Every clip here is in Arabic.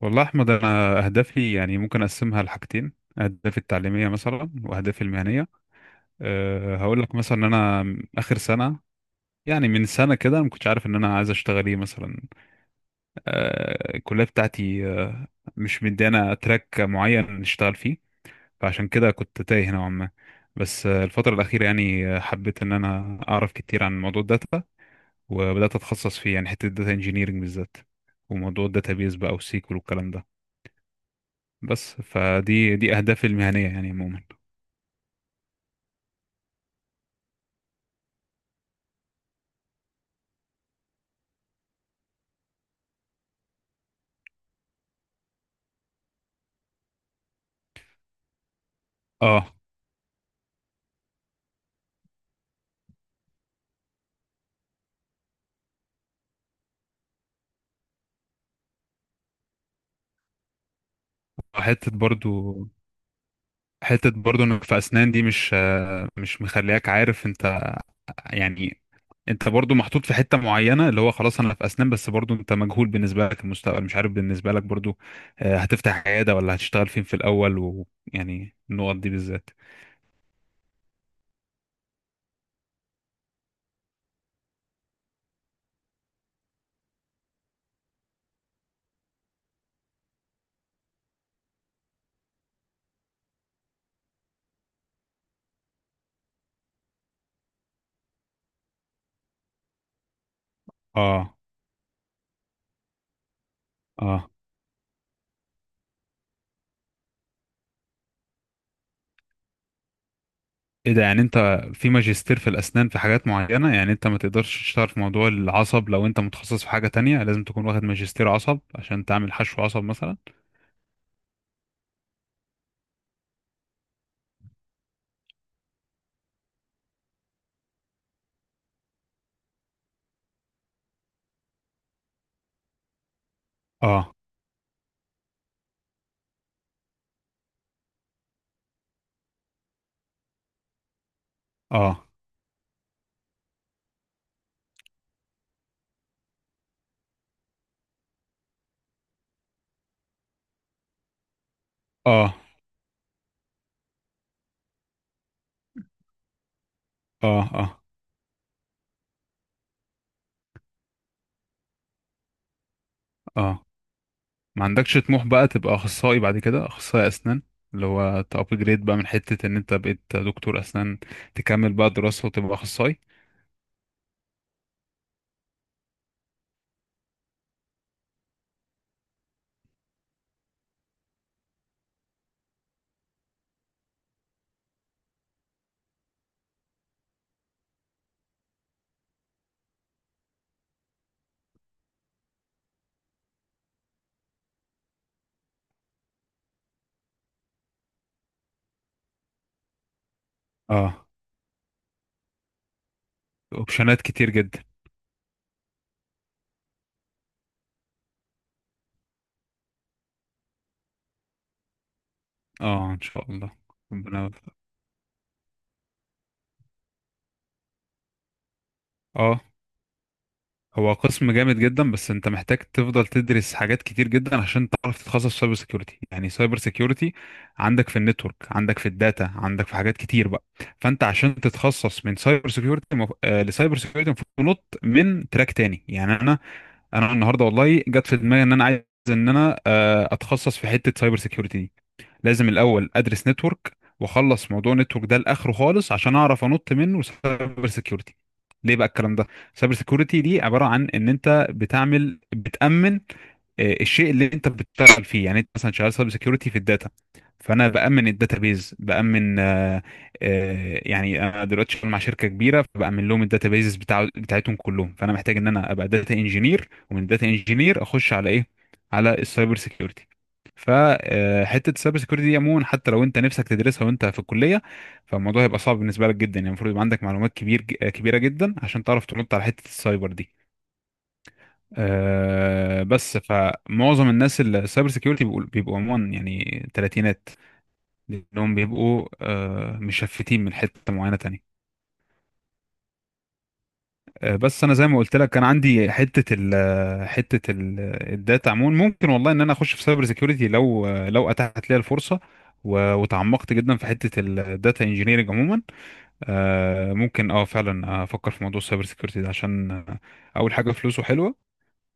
والله احمد، انا اهدافي يعني ممكن اقسمها لحاجتين: اهدافي التعليميه مثلا واهدافي المهنيه. هقول لك مثلا ان انا اخر سنه، يعني من سنه كده انا ما كنتش عارف ان انا عايز اشتغل ايه مثلا. الكليه بتاعتي مش مديانا تراك معين نشتغل فيه، فعشان كده كنت تايه نوعا ما. بس الفتره الاخيره يعني حبيت ان انا اعرف كتير عن موضوع الداتا، وبدات اتخصص فيه يعني حته الداتا انجينيرنج بالذات، وموضوع الداتابيز بقى وسيكول والكلام ده. بس دي اهدافي المهنيه يعني عموما. اه، حته برضو، حته برضو انك في اسنان دي مش مش مخلياك عارف. انت يعني انت برضو محطوط في حته معينه، اللي هو خلاص انا في اسنان، بس برضو انت مجهول بالنسبه لك المستقبل، مش عارف بالنسبه لك برضو هتفتح عياده ولا هتشتغل فين في الاول، ويعني النقط دي بالذات. اه، اه. ايه ده، يعني انت في ماجستير في الاسنان في حاجات معينة، يعني انت ما تقدرش تشتغل في موضوع العصب لو انت متخصص في حاجة تانية؟ لازم تكون واخد ماجستير عصب عشان تعمل حشو عصب مثلا. اه، اه، اه، اه، اه، اه. ما عندكش طموح بقى تبقى اخصائي بعد كده، اخصائي اسنان، اللي هو تابجريد بقى من حتة ان انت بقيت دكتور اسنان تكمل بقى دراسة وتبقى اخصائي؟ اه. اوبشنات كتير جدا. اه، ان شاء الله ربنا يوفقك. اه. هو قسم جامد جدا، بس انت محتاج تفضل تدرس حاجات كتير جدا عشان تعرف تتخصص في سايبر سيكيورتي. يعني سايبر سيكيورتي عندك في النتورك، عندك في الداتا، عندك في حاجات كتير بقى. فانت عشان تتخصص من سايبر سيكيورتي، مف... آه، لسايبر سيكيورتي، المفروض تنط من تراك تاني. يعني انا النهارده والله جت في دماغي ان انا عايز ان انا اتخصص في حتة سايبر سيكيورتي دي. لازم الاول ادرس نتورك واخلص موضوع النتورك ده لاخره خالص عشان اعرف انط منه سايبر سيكيورتي. ليه بقى الكلام ده؟ سايبر سيكيورتي دي عباره عن ان انت بتعمل بتامن الشيء اللي انت بتشتغل فيه. يعني انت مثلا شغال سايبر سيكيورتي في الداتا، فانا بامن الداتابيز، بامن آه، آه، يعني انا دلوقتي شغال مع شركه كبيره فبامن لهم الداتابيز بتاعتهم كلهم. فانا محتاج ان انا ابقى داتا انجينير، ومن داتا انجينير اخش على ايه؟ على السايبر سيكيورتي. فحته السايبر سيكيورتي دي عموما، حتى لو انت نفسك تدرسها وانت في الكليه، فالموضوع هيبقى صعب بالنسبه لك جدا. يعني المفروض يبقى عندك معلومات كبيره جدا عشان تعرف ترد على حته السايبر دي. بس فمعظم الناس اللي السايبر سيكيورتي بيبقوا عموما يعني تلاتينات، لانهم بيبقوا مشفتين من حته معينه تانية. بس انا زي ما قلت لك، كان عندي حته ال الداتا عموما. ممكن والله ان انا اخش في سايبر سيكيورتي لو اتاحت لي الفرصه، وتعمقت جدا في حته الداتا انجينيرنج عموما. ممكن اه فعلا افكر في موضوع السايبر سيكيورتي ده عشان اول حاجه فلوسه حلوه،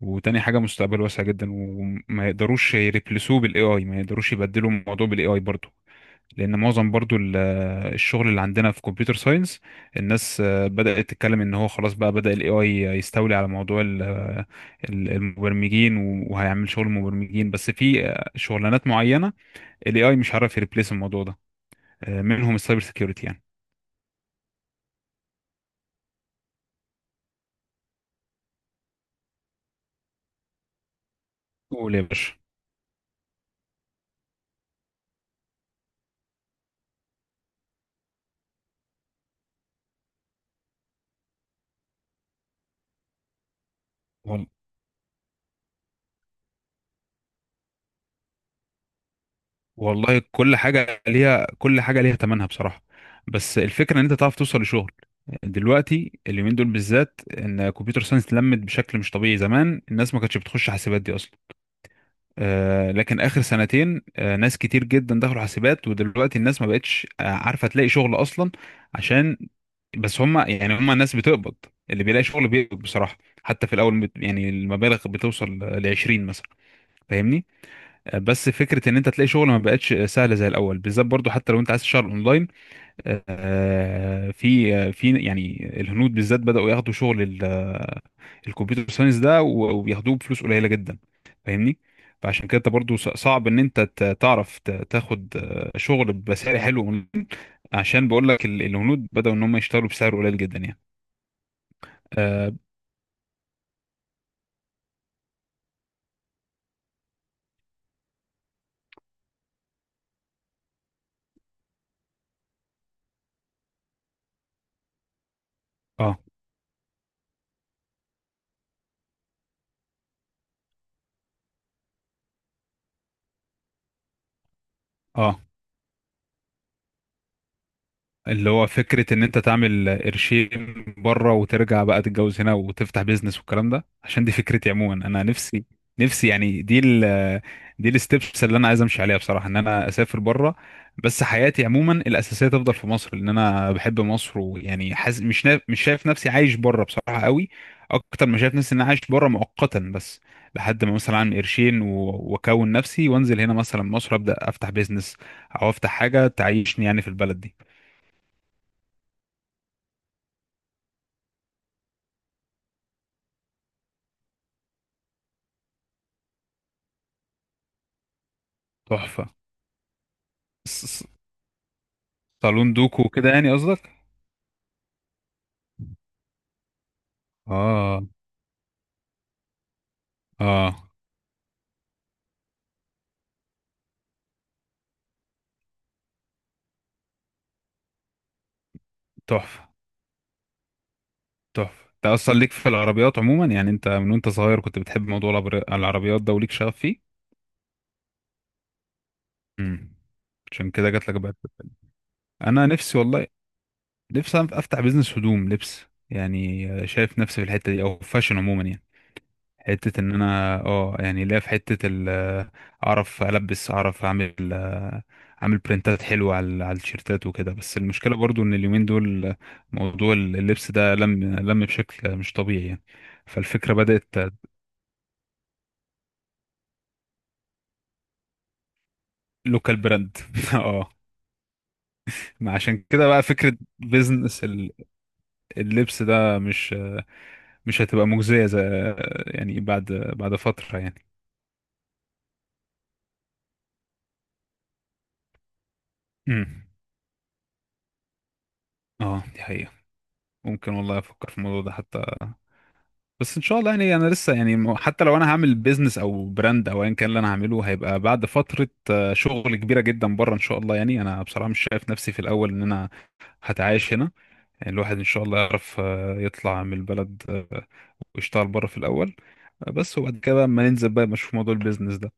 وتاني حاجه مستقبل واسع جدا، وما يقدروش يريبلسوه بالاي اي ما يقدروش يبدلوا الموضوع بالاي اي برضه. لان معظم برضو الشغل اللي عندنا في كمبيوتر ساينس، الناس بدأت تتكلم ان هو خلاص بقى بدأ الاي اي يستولي على موضوع المبرمجين، وهيعمل شغل المبرمجين، بس في شغلانات معينة الاي اي مش عارف يريبليس الموضوع ده، منهم السايبر سيكيورتي يعني. قول يا باشا. وال- والله كل حاجة ليها، كل حاجة ليها ثمنها بصراحة. بس الفكرة ان انت تعرف توصل لشغل. دلوقتي اليومين دول بالذات، ان كمبيوتر ساينس لمت بشكل مش طبيعي. زمان الناس ما كانتش بتخش حاسبات دي اصلا، لكن اخر سنتين ناس كتير جدا دخلوا حاسبات، ودلوقتي الناس ما بقتش عارفه تلاقي شغل اصلا. عشان بس هم، يعني هم الناس بتقبض، اللي بيلاقي شغل بيقبض بصراحه. حتى في الاول يعني المبالغ بتوصل ل 20 مثلا. فاهمني. بس فكره ان انت تلاقي شغل ما بقتش سهله زي الاول بالذات، برضو حتى لو انت عايز تشتغل اونلاين، في يعني الهنود بالذات بدأوا ياخدوا شغل الكمبيوتر ساينس ده، وبياخدوه بفلوس قليلة جدا. فاهمني. فعشان كده انت برضو صعب ان انت تعرف تاخد شغل بسعر حلو، عشان بقول لك الهنود بدأوا ان هم يشتغلوا بسعر قليل جدا يعني. اه، اه، آه. اللي هو فكرة ان انت تعمل قرشين بره وترجع بقى تتجوز هنا وتفتح بيزنس والكلام ده، عشان دي فكرتي عموما. انا نفسي يعني، دي دي الستبس اللي انا عايز امشي عليها بصراحة، ان انا اسافر بره. بس حياتي عموما الاساسية تفضل في مصر، لان انا بحب مصر، ويعني حاسس مش مش شايف نفسي عايش بره بصراحة قوي. اكتر ما شايف نفسي ان انا عايش بره مؤقتا بس، لحد ما مثلا اعمل قرشين واكون نفسي، وانزل هنا مثلا مصر ابدا افتح بيزنس، او افتح حاجة تعيشني يعني في البلد دي. تحفة. س- س- صالون دوكو كده يعني قصدك؟ اه. اه. تحفة. تحفة. انت اصلا ليك في العربيات عموما، يعني انت من وانت صغير كنت بتحب موضوع العربيات ده، وليك شغف فيه. امم عشان كده جات لك بقى. انا نفسي والله، نفسي أنا افتح بيزنس هدوم لبس. يعني شايف نفسي في الحتة دي او فاشن عموما يعني. حتة ان انا اه يعني ليا في حتة ال اعرف البس، اعرف اعمل، اعمل برنتات حلوة على التيشيرتات وكده. بس المشكلة برضو ان اليومين دول موضوع اللبس ده لم بشكل مش طبيعي يعني. فالفكرة بدأت لوكال براند اه. ما عشان كده بقى فكرة بيزنس اللبس ده مش مش هتبقى مجزية زي، يعني بعد فترة يعني. امم. اه دي حقيقة. ممكن والله افكر في الموضوع ده حتى. بس ان شاء الله يعني انا لسه يعني حتى لو انا هعمل بيزنس او براند او ايا كان، اللي انا هعمله هيبقى بعد فتره. شغل كبيره جدا بره ان شاء الله. يعني انا بصراحه مش شايف نفسي في الاول ان انا هتعايش هنا. يعني الواحد ان شاء الله يعرف يطلع من البلد ويشتغل بره في الاول، بس وبعد كده بقى ما ننزل بقى نشوف موضوع البيزنس ده.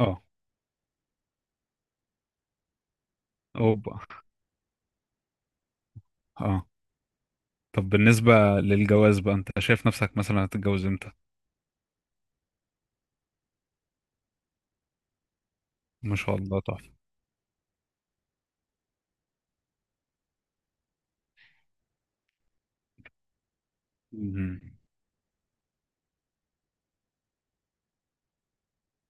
اه. اوبا. اه. طب بالنسبه للجواز بقى، انت شايف نفسك مثلا هتتجوز امتى؟ ما شاء الله تحفه. مم.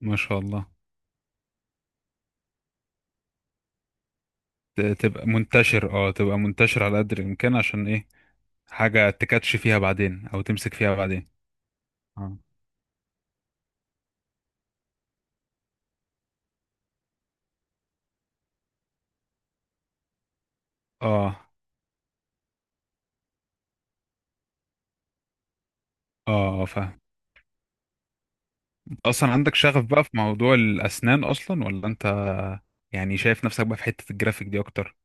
ما شاء الله. تبقى منتشر، اه، تبقى منتشر على قدر الامكان. عشان ايه؟ حاجه تكاتش فيها بعدين او تمسك فيها بعدين. اه، اه، اه. فاهم. اصلا عندك شغف بقى في موضوع الاسنان اصلا، ولا انت يعني شايف نفسك بقى في حته الجرافيك دي اكتر؟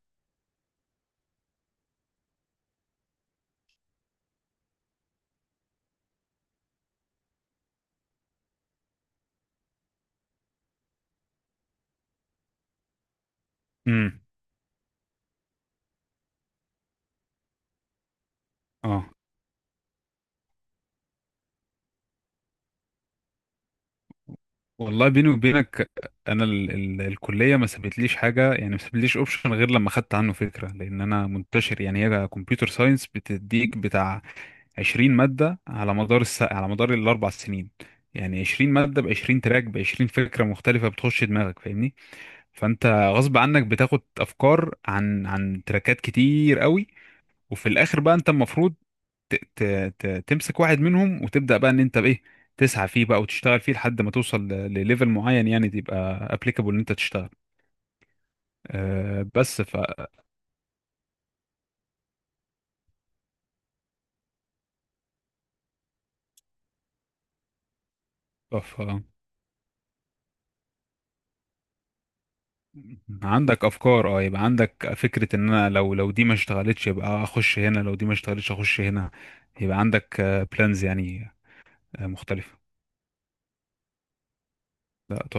امم اه والله بيني وبينك، انا ال الكليه ما سابتليش حاجه، يعني ما سابتليش اوبشن غير لما خدت عنه فكره، لان انا منتشر. يعني هي كمبيوتر ساينس بتديك بتاع 20 مادة على مدار على مدار الأربع سنين. يعني 20 مادة ب 20 تراك ب 20 فكرة مختلفة بتخش دماغك. فاهمني؟ فأنت غصب عنك بتاخد أفكار عن تراكات كتير قوي. وفي الآخر بقى أنت المفروض ت... ت... تمسك واحد منهم وتبدأ بقى إن أنت بإيه تسعى فيه بقى، وتشتغل فيه لحد ما توصل لليفل معين، يعني تبقى applicable إن أنت تشتغل. بس ف... عندك افكار، اه، يبقى عندك فكره ان انا لو دي ما اشتغلتش يبقى اخش هنا، لو دي ما اشتغلتش اخش هنا. يبقى عندك بلانز يعني مختلفه. لا، تحفه.